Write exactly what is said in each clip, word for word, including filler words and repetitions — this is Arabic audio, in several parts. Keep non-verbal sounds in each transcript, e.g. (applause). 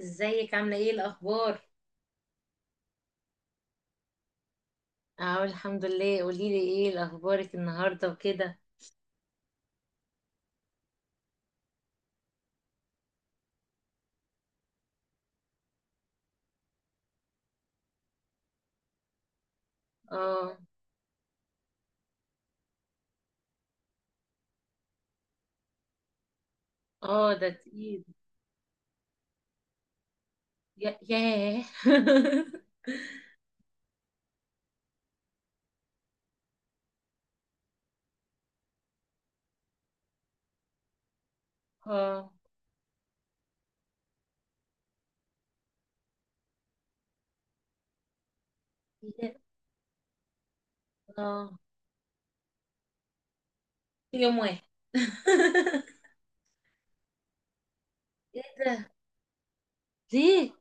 ازيك؟ عاملة ايه الأخبار؟ اه، الحمد لله. قوليلي ايه الأخبارك النهاردة وكده. اه. اه، ده تقيل. يا- ياه. (laughs) اه. يا- اه، في يوم واحد. (laughs) ايه ده؟ ليه؟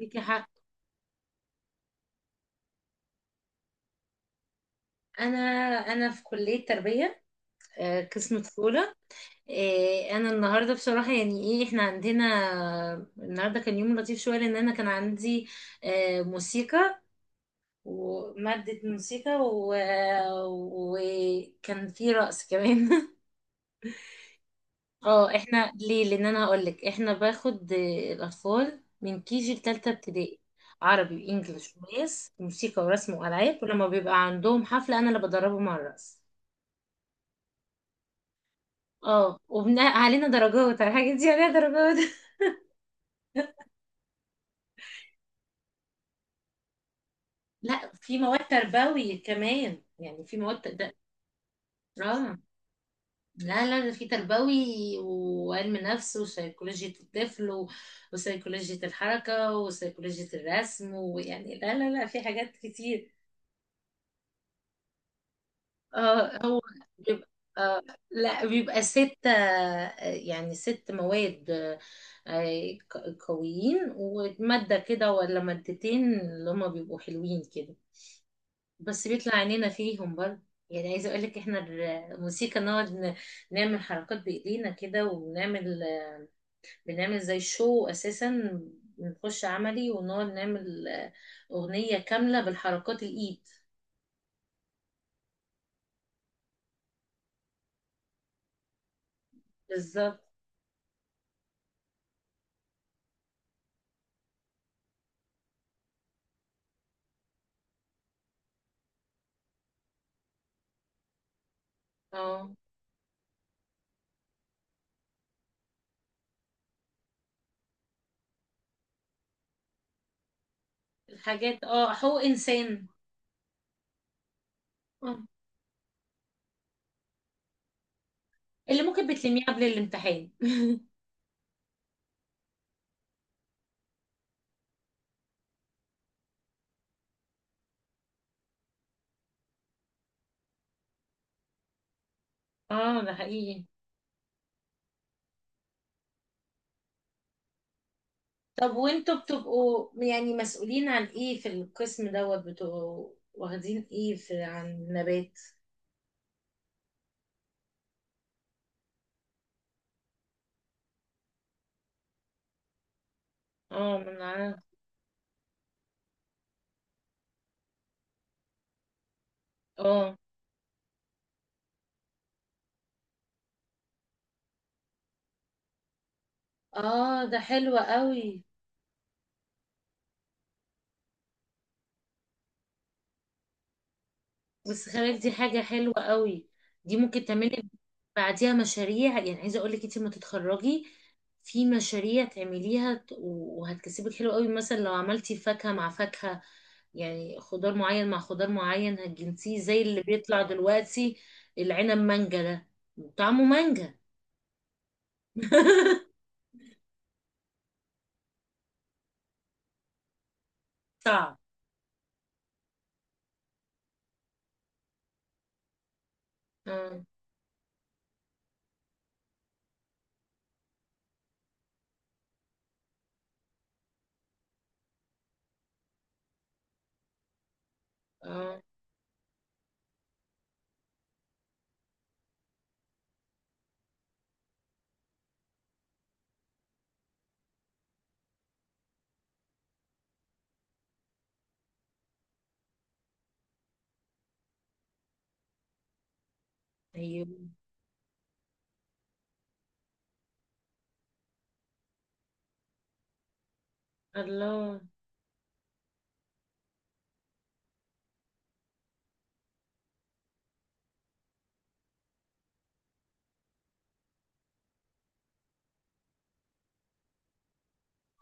ليكي حق. انا انا في كلية تربية. آه، قسم طفولة. آه، انا النهارده بصراحه، يعني ايه احنا عندنا. النهارده كان يوم لطيف شويه لان انا كان عندي آه، موسيقى ومادة موسيقى و... وكان في رقص كمان. (laughs) اه، احنا ليه؟ لان انا هقولك، احنا باخد الاطفال من كيجي لتالتة ابتدائي: عربي وانجليش وماس وموسيقى ورسم والعاب، ولما بيبقى عندهم حفلة انا اللي بدربهم على الرقص. اه، وبناء علينا درجات، على الحاجات دي عليها درجات. (laughs) لا، في مواد تربوي كمان، يعني في مواد ده. اه. لا لا، ده في تربوي وعلم نفس وسيكولوجية الطفل و- وسيكولوجية الحركة وسيكولوجية الرسم، ويعني لا لا لا، في حاجات كتير. اه، هو بيبقى، آه لا، بيبقى ستة، آه، يعني ست مواد. آه، ق- قويين، ومادة كده ولا مادتين اللي هما بيبقوا حلوين كده، بس بيطلع عينينا فيهم برضه. يعني عايزة اقولك، احنا الموسيقى نقعد، ن- نعمل حركات بايدينا كده، ونعمل، بنعمل زي شو اساسا. بنخش عملي ونقعد نعمل آه، اغنية كاملة بالحركات الايد. بالظبط. اه، الحاجات. اه، هو انسان. آه. اللي ممكن بتلميه قبل الامتحان. (laughs) اه، ده حقيقي. طب وانتوا بتبقوا يعني مسؤولين عن ايه في القسم دوت؟ بتبقوا واخدين ايه في، عن النبات؟ اه من عن- اه اه، ده حلو قوي. بس خلي بالك، دي حاجة حلوة قوي. دي ممكن تعملي بعديها مشاريع. يعني عايزة اقول لك، انت لما تتخرجي في مشاريع تعمليها، ت- وهتكسبك حلو قوي. مثلا لو عملتي فاكهة مع فاكهة، يعني خضار معين مع خضار معين، هتجنسيه زي اللي بيطلع دلوقتي، العنب مانجا ده، طعمه مانجا. (laughs) صعب. اه اه، ايوه. الله.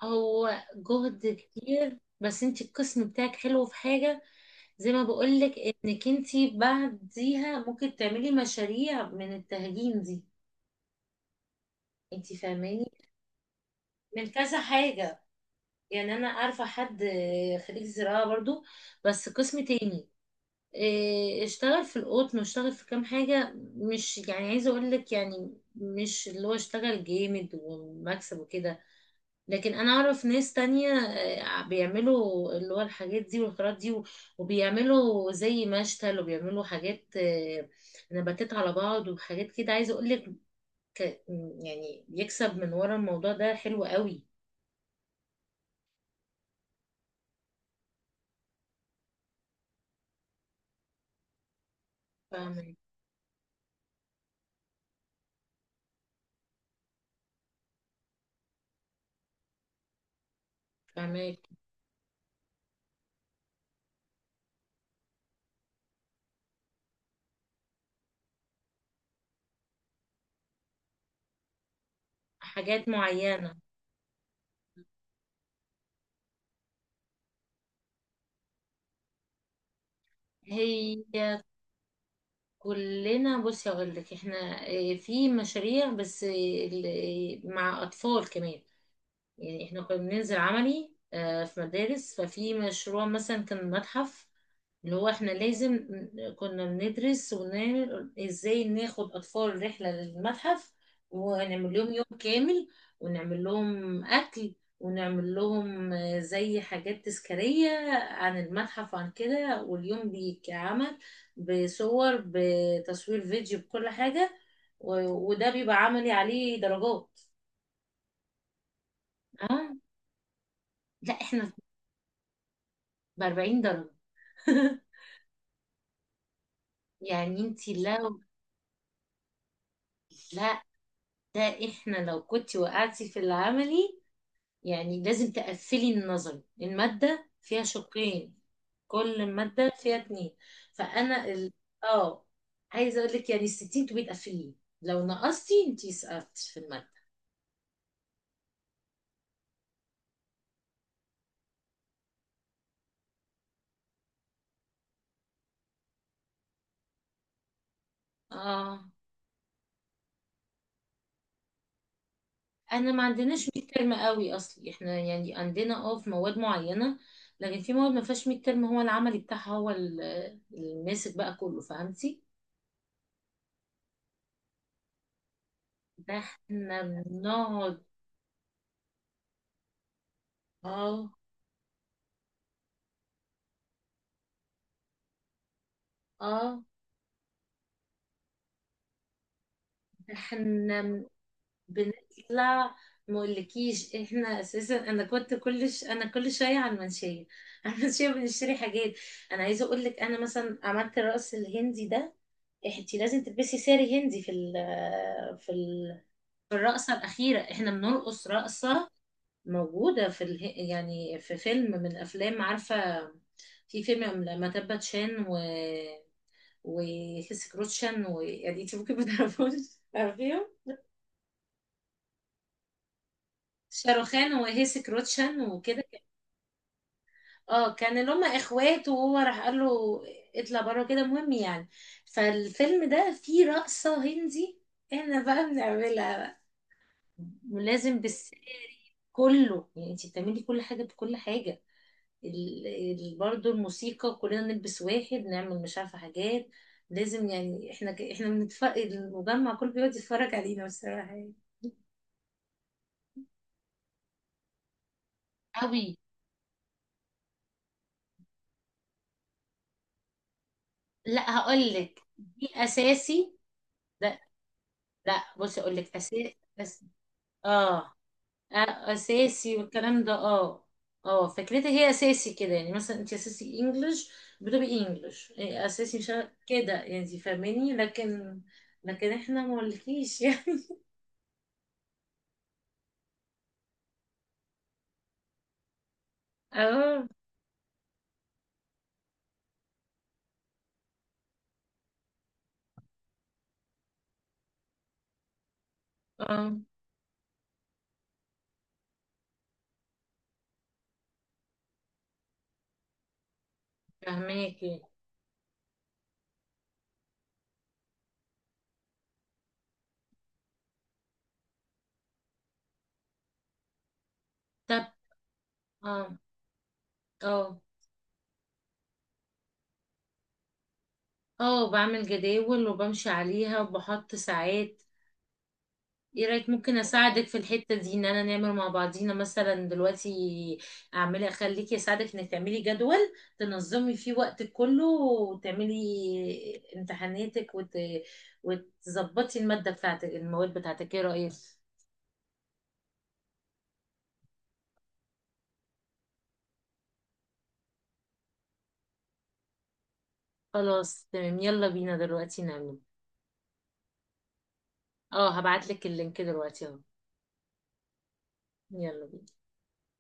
هو جهد كتير، بس انت القسم بتاعك حلو في حاجة، زي ما بقولك انك انتي بعديها ممكن تعملي مشاريع من التهجين دي. انتي فاهماني، من كذا حاجة. يعني انا عارفة حد آه، خريج زراعة برضو، بس قسم تاني. آه، اشتغل في القطن، واشتغل في كام حاجة. مش يعني عايزة اقولك، يعني مش اللي هو اشتغل جامد ومكسب وكده، لكن انا اعرف ناس تانية آه، بيعملوا اللي هو الحاجات دي والحاجات دي، و- وبيعملوا زي مشتل، وبيعملوا حاجات آه، نباتات على بعض وحاجات كده. عايزة اقول لك، يعني بيكسب من ورا الموضوع ده حلو قوي. فاهمك. فاهمك، حاجات معينة. هي كلنا، بصي اقول لك، احنا آه، في مشاريع، بس آه، ال- آه، مع اطفال كمان. يعني احنا كنا بننزل عملي آه، في مدارس، ففي مشروع مثلا كان متحف، اللي هو احنا لازم، ن- كنا بندرس، ونعمل ازاي ناخد اطفال رحلة للمتحف، ونعمل لهم يوم كامل، ونعمل لهم اكل، ونعمل لهم آه، زي حاجات تذكارية عن المتحف وعن كده، واليوم بيتعمل بصور، بتصوير فيديو، بكل حاجة. و- وده بيبقى عملي عليه درجات. اه، لا، احنا ب أربعين درجة. (laughs) يعني انتي لو، لا، ده احنا لو كنتي وقعتي في العملي، يعني لازم تقفلي النظري، المادة فيها شقين، كل مادة فيها اتنين. فانا ال... اه، عايزة اقول لك، يعني الستين تبقي تقفليه، لو نقصتي انتي سقطت في المادة. اه، انا ما عندناش ميد ترم قوي اصلي، احنا يعني عندنا، اه، في مواد معينة، لكن في مواد ما فيهاش ميد ترم، هو العملي بتاعها هو ال- الماسك بقى كله، فهمتي؟ ده احنا بنقعد، اه اه، ده احنا، بن- بنطلع. مقولكيش احنا اساسا، انا كنت كل ش... انا كل شويه على المنشيه، (laughs) على المنشيه بنشتري حاجات. انا عايزه اقول لك، انا مثلا عملت الرقص الهندي ده، انت لازم تلبسي ساري هندي في ال... في ال... في الرقصه الاخيره احنا بنرقص رقصه موجوده في اله... يعني في فيلم من افلام، عارفه، في فيلم لما تبت شان و وهيسي كروتشن. ويعني انت ممكن ما تعرفوش، عارفيهم، شاروخان وهيسي كروتشان وكده. اه، كان اللي هم اخوات، وهو راح قال له اطلع بره كده، مهم يعني. فالفيلم ده فيه رقصة هندي، احنا بقى بنعملها بقى، ولازم بالساري. كله، يعني انت بتعملي كل حاجة بكل حاجة. ال... ال... برضه الموسيقى كلنا نلبس واحد، نعمل مش عارفة حاجات. لازم يعني احنا، ك... احنا بنتفرج، المجمع كله بيقعد يتفرج علينا بصراحة، يعني قوي. لا، هقول لك، دي اساسي. لا لا، بصي اقول لك اساسي بس. اه، آه، اساسي، والكلام ده. اه، اه، فكرتي هي اساسي كده، يعني مثلا انت اساسي انجلش، بتبقي انجلش، إيه، اساسي، مش عارف- كده، يعني انت فاهماني، لكن لكن احنا مولكيش يعني. (laughs) اه اه، فاهماكي. طب، اه اه اه، بعمل جداول وبمشي عليها وبحط ساعات. ايه رايك، ممكن اساعدك في الحته دي، ان انا نعمل مع بعضينا مثلا دلوقتي؟ اعملي، اخليكي اساعدك انك تعملي جدول، تنظمي فيه وقتك كله، وتعملي امتحاناتك، وت... وتظبطي الماده بتاعتك، المواد بتاعتك، ايه رايك؟ خلاص، تمام، يلا بينا دلوقتي نعمل. اه، هبعت لك اللينك دلوقتي اهو. يلا بينا.